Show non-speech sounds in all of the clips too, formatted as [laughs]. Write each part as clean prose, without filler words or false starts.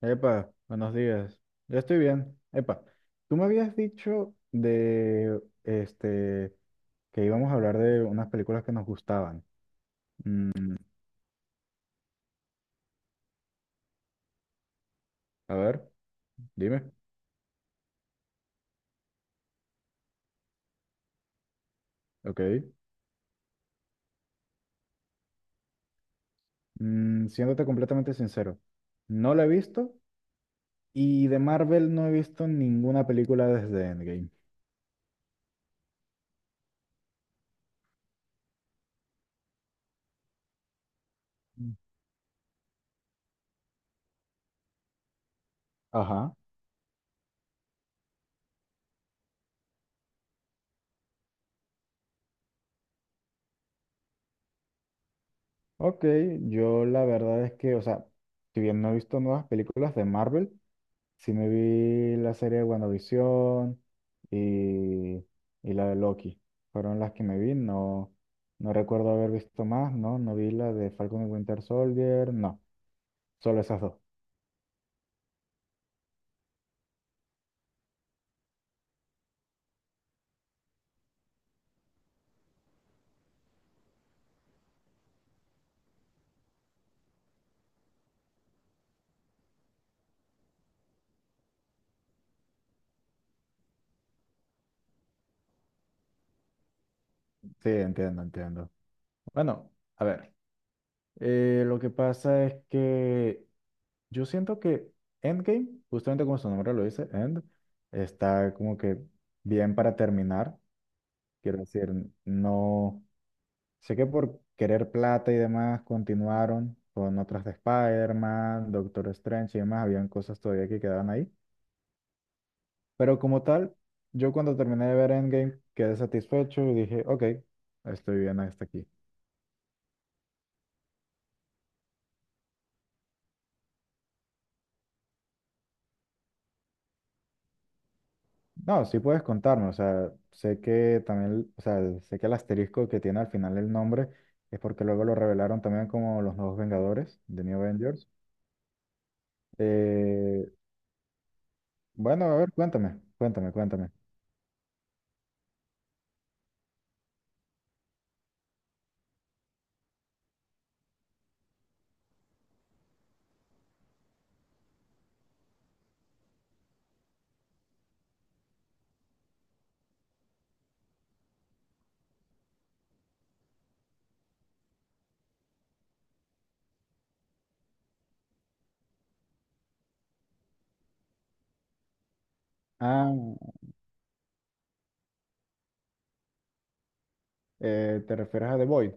Epa, buenos días. Yo estoy bien. Epa, tú me habías dicho de que íbamos a hablar de unas películas que nos gustaban. Mm, a ver, dime. Ok. Siéndote completamente sincero, no la he visto y de Marvel no he visto ninguna película desde Endgame. Mm. Ajá. Ok, yo la verdad es que, o sea, si bien no he visto nuevas películas de Marvel, sí me vi la serie de WandaVision y, y la de Loki. Fueron las que me vi. No, no recuerdo haber visto más, ¿no? No vi la de Falcon y Winter Soldier, no. Solo esas dos. Sí, entiendo, entiendo. Bueno, a ver. Lo que pasa es que yo siento que Endgame, justamente como su nombre lo dice, End, está como que bien para terminar. Quiero decir, no. Sé que por querer plata y demás continuaron con otras de Spider-Man, Doctor Strange y demás, habían cosas todavía que quedaban ahí. Pero como tal, yo cuando terminé de ver Endgame quedé satisfecho y dije, ok, estoy bien hasta aquí. No, sí puedes contarme, o sea, sé que también, o sea, sé que el asterisco que tiene al final el nombre es porque luego lo revelaron también como los nuevos Vengadores, The New Avengers. Eh, bueno, a ver, cuéntame, cuéntame, cuéntame. Ah, ¿Te refieres a The Void?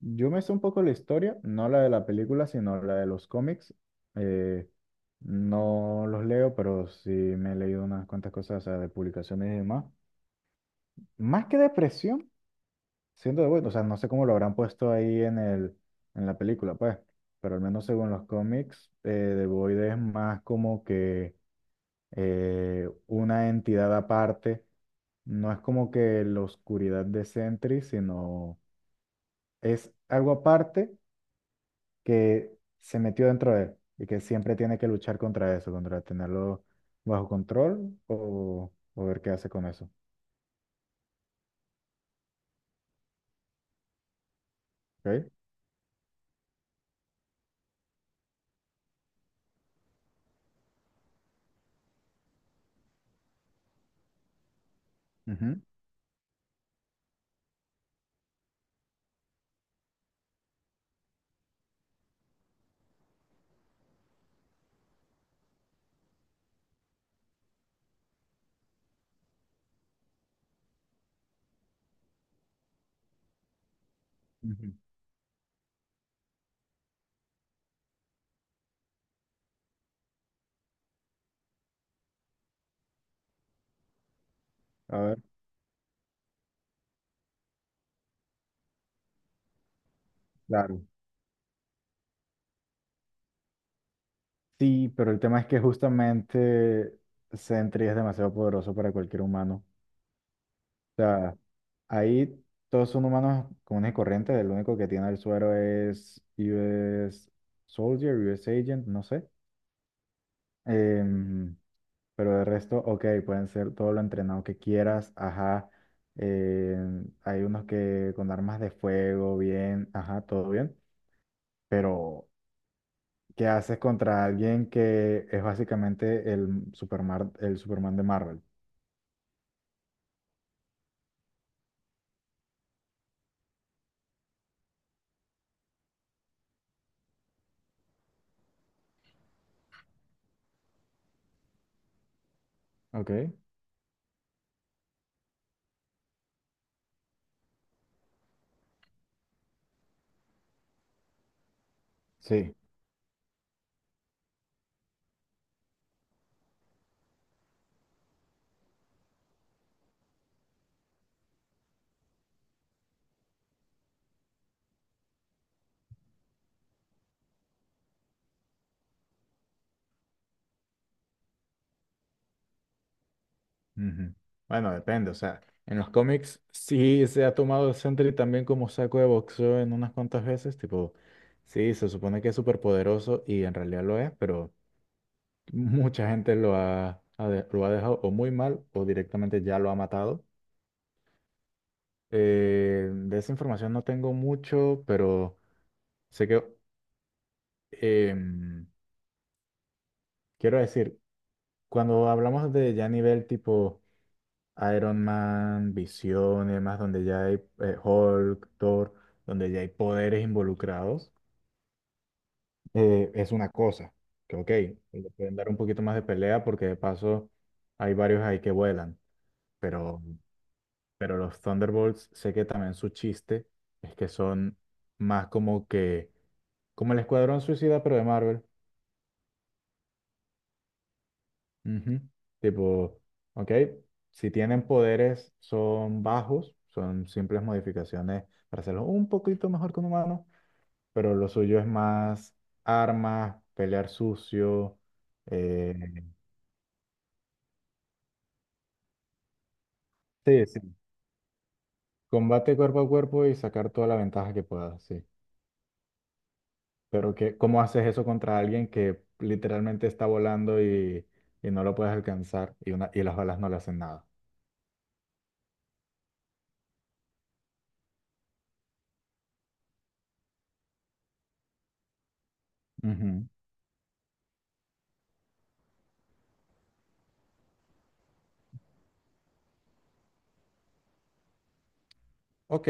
Yo me sé un poco la historia, no la de la película, sino la de los cómics. Eh, no los leo, pero sí me he leído unas cuantas cosas, o sea, de publicaciones y demás. Más que depresión, siento de bueno, o sea, no sé cómo lo habrán puesto ahí en en la película, pues, pero al menos según los cómics, The Void es más como que una entidad aparte. No es como que la oscuridad de Sentry, sino es algo aparte que se metió dentro de él y que siempre tiene que luchar contra eso, contra tenerlo bajo control o ver qué hace con eso. ¿Ok? Ujú, ujú. A ver, claro. Sí, pero el tema es que justamente Sentry es demasiado poderoso para cualquier humano. O sea, ahí todos son humanos comunes y corrientes. El único que tiene el suero es US Soldier, US Agent, no sé. Em, Pero de resto, ok, pueden ser todo lo entrenado que quieras, ajá. eh, Hay unos que con armas de fuego, bien, ajá, todo bien. Pero, ¿qué haces contra alguien que es básicamente el Superman de Marvel? Ok, sí. Ujú. Bueno, depende, o sea, en los cómics sí se ha tomado el Sentry también como saco de boxeo en unas cuantas veces, tipo, sí, se supone que es súper poderoso y en realidad lo es, pero mucha gente lo ha dejado o muy mal o directamente ya lo ha matado. De esa información no tengo mucho, pero sé que em, quiero decir, cuando hablamos de ya nivel tipo Iron Man, Visión y demás, donde ya hay Hulk, Thor, donde ya hay poderes involucrados, es una cosa que, ok, le pueden dar un poquito más de pelea porque de paso hay varios ahí que vuelan, pero Pero los Thunderbolts, sé que también su chiste es que son más como que, como el Escuadrón Suicida, pero de Marvel. Ujú. Tipo, ok, si tienen poderes, son bajos, son simples modificaciones para hacerlo un poquito mejor que un humano, pero lo suyo es más armas, pelear sucio, eh, sí, sí, combate cuerpo a cuerpo y sacar toda la ventaja que puedas, sí. Pero que, ¿cómo haces eso contra alguien que literalmente está volando y no lo puedes alcanzar y, una, y las olas no le hacen nada? Ujú. Ok,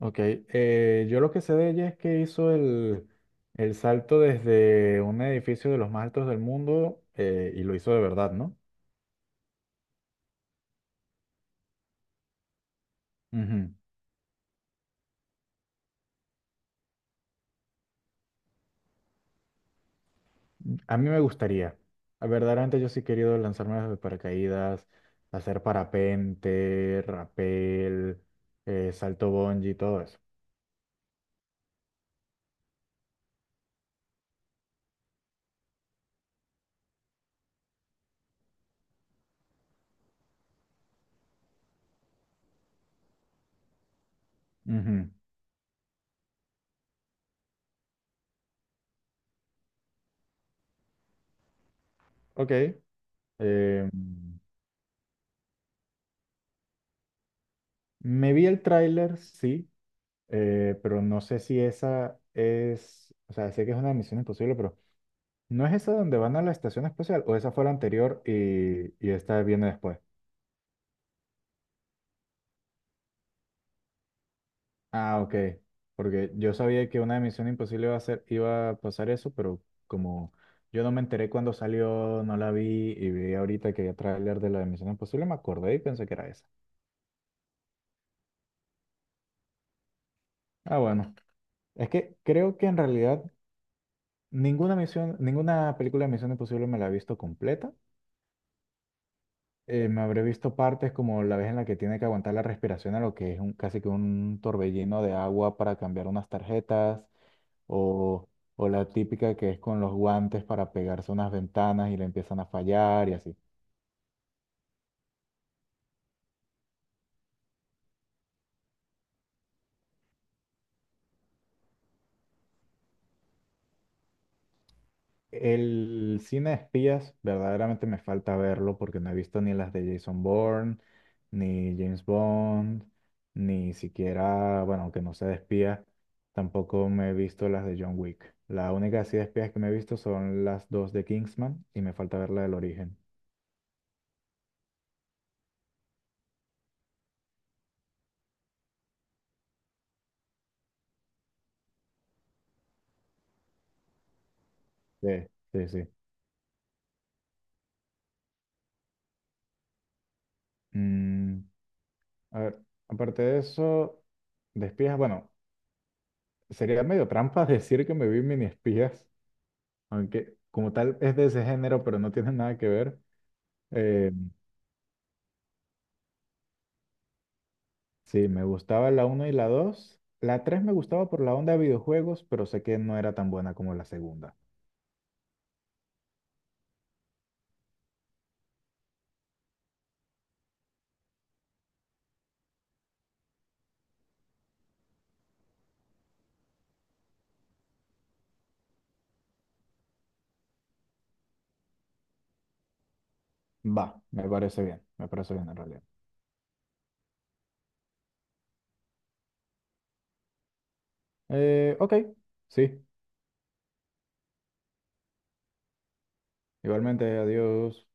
ok. Yo lo que sé de ella es que hizo el salto desde un edificio de los más altos del mundo y lo hizo de verdad, ¿no? Ujú. A mí me gustaría. Ah, verdaderamente yo sí he querido lanzarme desde paracaídas, hacer parapente, rapel, salto bungee, todo eso. Ujú. Ok. Eh, Me vi el tráiler, sí, pero no sé si esa es, o sea, sé que es una misión imposible, pero ¿no es esa donde van a la estación espacial o esa fue la anterior y esta viene después? Ah, ok, porque yo sabía que una misión imposible iba a ser, iba a pasar eso, pero como yo no me enteré cuando salió, no la vi y vi ahorita que había tráiler de la de misión imposible, me acordé y pensé que era esa. Ah, bueno, es que creo que en realidad ninguna misión, ninguna película de Misión Imposible me la he visto completa. Me habré visto partes como la vez en la que tiene que aguantar la respiración a lo que es un, casi que un torbellino de agua para cambiar unas tarjetas, o, o la típica que es con los guantes para pegarse a unas ventanas y le empiezan a fallar y así. El cine de espías verdaderamente me falta verlo porque no he visto ni las de Jason Bourne, ni James Bond, ni siquiera, bueno, aunque no sea de espías, tampoco me he visto las de John Wick. La única así de espías que me he visto son las dos de Kingsman y me falta ver la del origen. Sí, sí, sí. Mm, a ver, aparte de eso, de espías, bueno, sería medio trampa [laughs] decir que me vi mini espías, aunque como tal es de ese género, pero no tiene nada que ver. Eh, sí, me gustaba la uno y la 2. La 3 me gustaba por la onda de videojuegos, pero sé que no era tan buena como la segunda. Va, me parece bien en realidad. Ok, sí, igualmente, adiós.